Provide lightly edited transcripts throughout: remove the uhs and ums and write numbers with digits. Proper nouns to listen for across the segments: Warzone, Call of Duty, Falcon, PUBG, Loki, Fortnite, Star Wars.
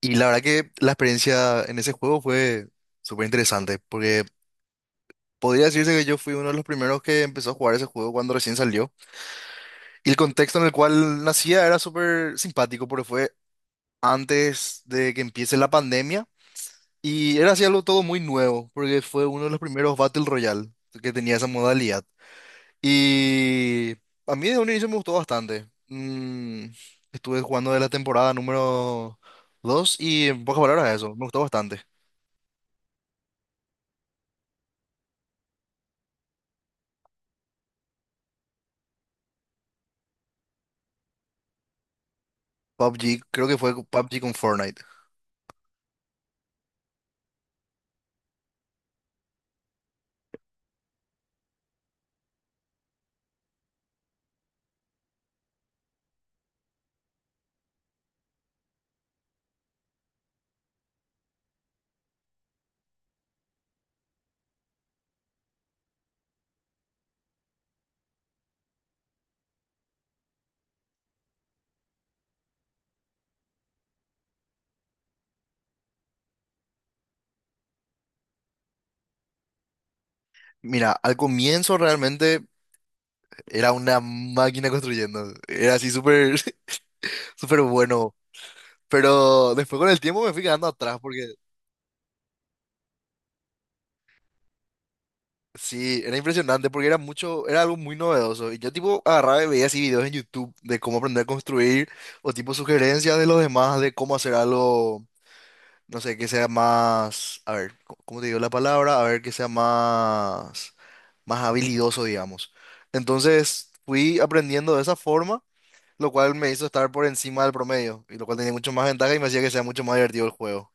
Y la verdad que la experiencia en ese juego fue súper interesante, porque podría decirse que yo fui uno de los primeros que empezó a jugar ese juego cuando recién salió. Y el contexto en el cual nacía era súper simpático, porque fue antes de que empiece la pandemia. Y era así algo todo muy nuevo, porque fue uno de los primeros Battle Royale que tenía esa modalidad. Y a mí de un inicio me gustó bastante. Mm, estuve jugando de la temporada número 2 y en pocas palabras eso, me gustó bastante. PUBG, creo que fue PUBG con Fortnite. Mira, al comienzo realmente era una máquina construyendo. Era así súper, súper bueno. Pero después con el tiempo me fui quedando atrás porque sí, era impresionante porque era mucho, era algo muy novedoso. Y yo tipo agarraba y veía así videos en YouTube de cómo aprender a construir o tipo sugerencias de los demás de cómo hacer algo. No sé, que sea más, a ver, ¿cómo te digo la palabra? A ver, que sea más, más habilidoso, digamos. Entonces fui aprendiendo de esa forma, lo cual me hizo estar por encima del promedio, y lo cual tenía mucho más ventaja y me hacía que sea mucho más divertido el juego.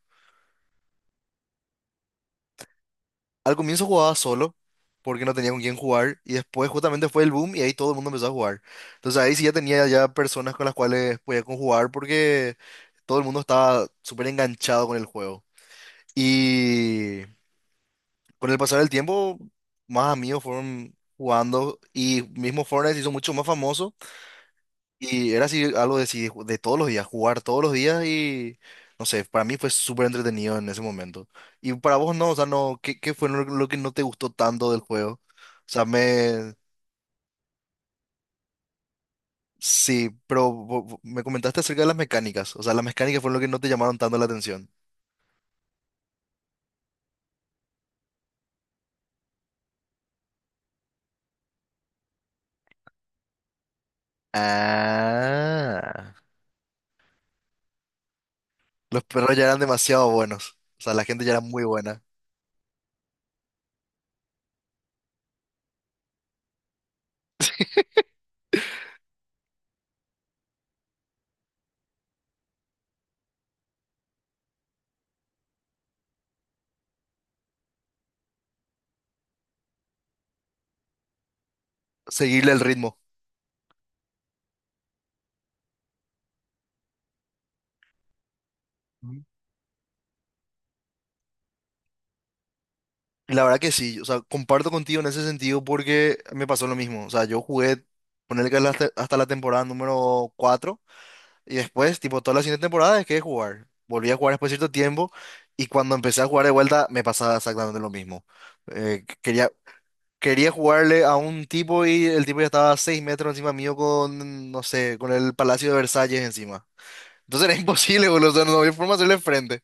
Al comienzo jugaba solo, porque no tenía con quién jugar, y después justamente fue el boom y ahí todo el mundo empezó a jugar. Entonces ahí sí ya tenía ya personas con las cuales podía conjugar porque todo el mundo estaba súper enganchado con el juego. Y... Con el pasar del tiempo, más amigos fueron jugando y mismo Fortnite se hizo mucho más famoso y era así algo de, así de todos los días, jugar todos los días y no sé, para mí fue súper entretenido en ese momento. ¿Y para vos no, o sea, no, qué fue lo que no te gustó tanto del juego? O sea, me... Sí, pero me comentaste acerca de las mecánicas, o sea, las mecánicas fueron lo que no te llamaron tanto la atención. Ah. Los perros ya eran demasiado buenos, o sea, la gente ya era muy buena. Seguirle el ritmo. Y la verdad que sí, o sea, comparto contigo en ese sentido porque me pasó lo mismo. O sea, yo jugué, ponerle que hasta, hasta la temporada número 4 y después, tipo, toda la siguiente temporada dejé de jugar. Volví a jugar después de cierto tiempo y cuando empecé a jugar de vuelta me pasaba exactamente lo mismo. Quería, quería jugarle a un tipo y el tipo ya estaba a 6 metros encima mío con, no sé, con el Palacio de Versalles encima. Entonces era imposible, boludo, o sea, no había forma de hacerle frente.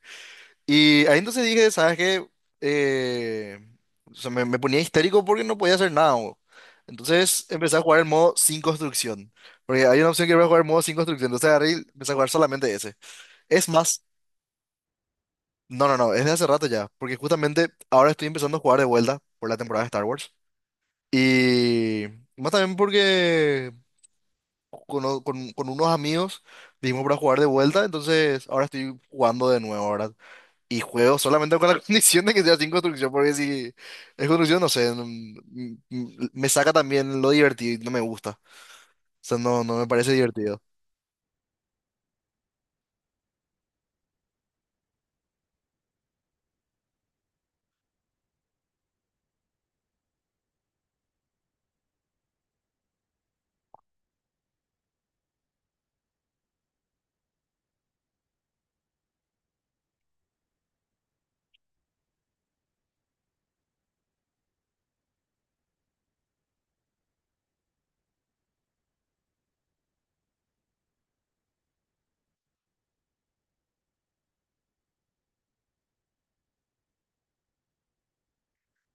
Y ahí entonces dije, ¿sabes qué? Eh, o sea, me ponía histérico porque no podía hacer nada, bo. Entonces empecé a jugar el modo sin construcción. Porque hay una opción que voy a jugar el modo sin construcción. Entonces agarré y empecé a jugar solamente ese. Es más, no, es de hace rato ya. Porque justamente ahora estoy empezando a jugar de vuelta por la temporada de Star Wars. Y más también porque con unos amigos dijimos para jugar de vuelta. Entonces ahora estoy jugando de nuevo, ahora. Y juego solamente con la condición de que sea sin construcción, porque si es construcción, no sé, me saca también lo divertido y no me gusta. O sea, no, no me parece divertido.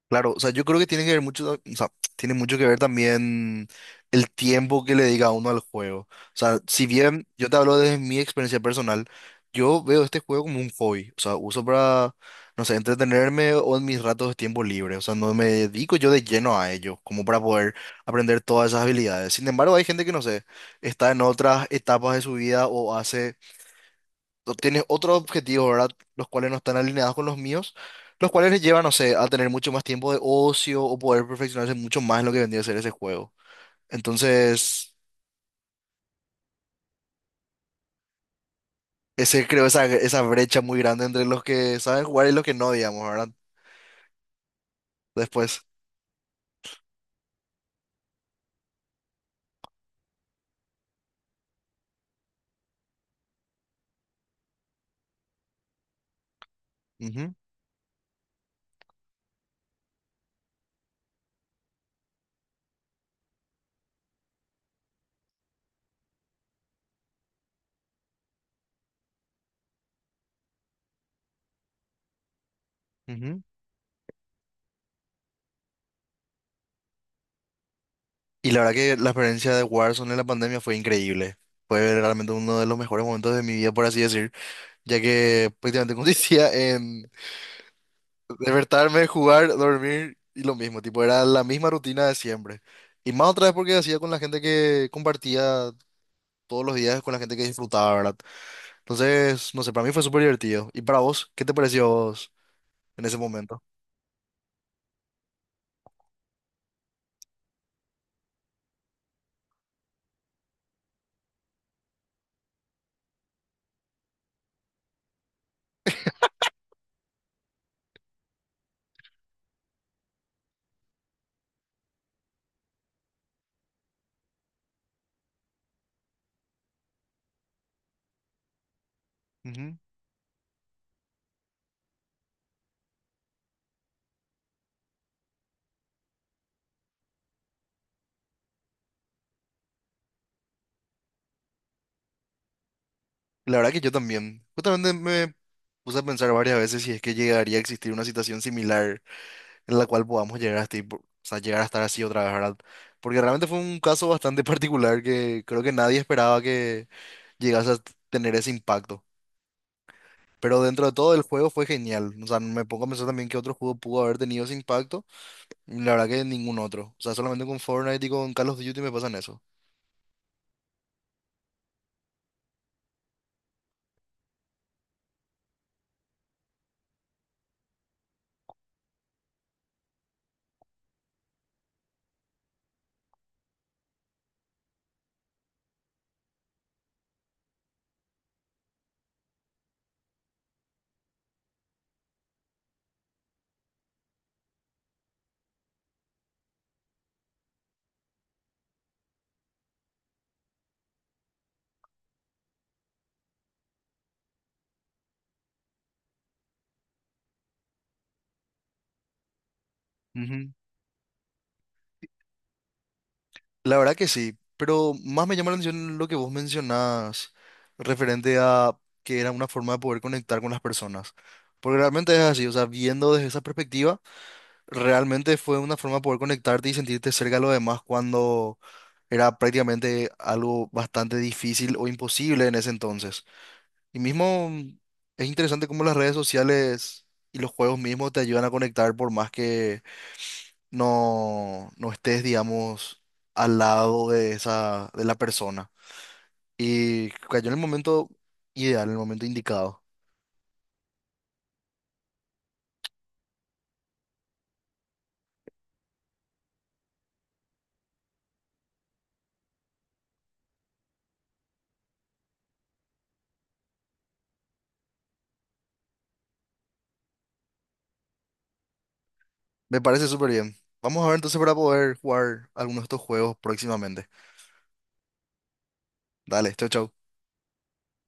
Claro, o sea, yo creo que tiene que ver mucho, o sea, tiene mucho que ver también el tiempo que le dedica uno al juego. O sea, si bien yo te hablo desde mi experiencia personal, yo veo este juego como un hobby. O sea, uso para, no sé, entretenerme o en mis ratos de tiempo libre. O sea, no me dedico yo de lleno a ello, como para poder aprender todas esas habilidades. Sin embargo, hay gente que, no sé, está en otras etapas de su vida o hace tienes otros objetivos, ¿verdad? Los cuales no están alineados con los míos, los cuales les llevan, no sé, a tener mucho más tiempo de ocio o poder perfeccionarse mucho más en lo que vendría a ser ese juego. Entonces, ese creo esa, esa brecha muy grande entre los que saben jugar y los que no, digamos, ¿verdad? Después. Ujú, ujú. Y la verdad que la experiencia de Warzone en la pandemia fue increíble. Fue realmente uno de los mejores momentos de mi vida, por así decir, ya que prácticamente consistía en despertarme, jugar, dormir y lo mismo, tipo, era la misma rutina de siempre. Y más otra vez porque hacía con la gente que compartía todos los días, con la gente que disfrutaba, ¿verdad? Entonces, no sé, para mí fue súper divertido. ¿Y para vos, qué te pareció a vos en ese momento? Ujú. La verdad que yo también. Justamente me puse a pensar varias veces si es que llegaría a existir una situación similar en la cual podamos llegar a o sea, llegar a estar así otra vez, ¿verdad? Porque realmente fue un caso bastante particular que creo que nadie esperaba que llegase a tener ese impacto. Pero dentro de todo el juego fue genial. O sea, me pongo a pensar también que otro juego pudo haber tenido ese impacto. Y la verdad que ningún otro. O sea, solamente con Fortnite y con Call of Duty me pasan eso. Ujú. La verdad que sí, pero más me llama la atención lo que vos mencionás referente a que era una forma de poder conectar con las personas. Porque realmente es así, o sea, viendo desde esa perspectiva. Realmente fue una forma de poder conectarte y sentirte cerca de los demás cuando era prácticamente algo bastante difícil o imposible en ese entonces. Y mismo es interesante cómo las redes sociales y los juegos mismos te ayudan a conectar por más que no, no estés, digamos, al lado de esa, de la persona. Y cayó en el momento ideal, en el momento indicado. Me parece súper bien. Vamos a ver entonces para poder jugar algunos de estos juegos próximamente. Dale, chau, chau.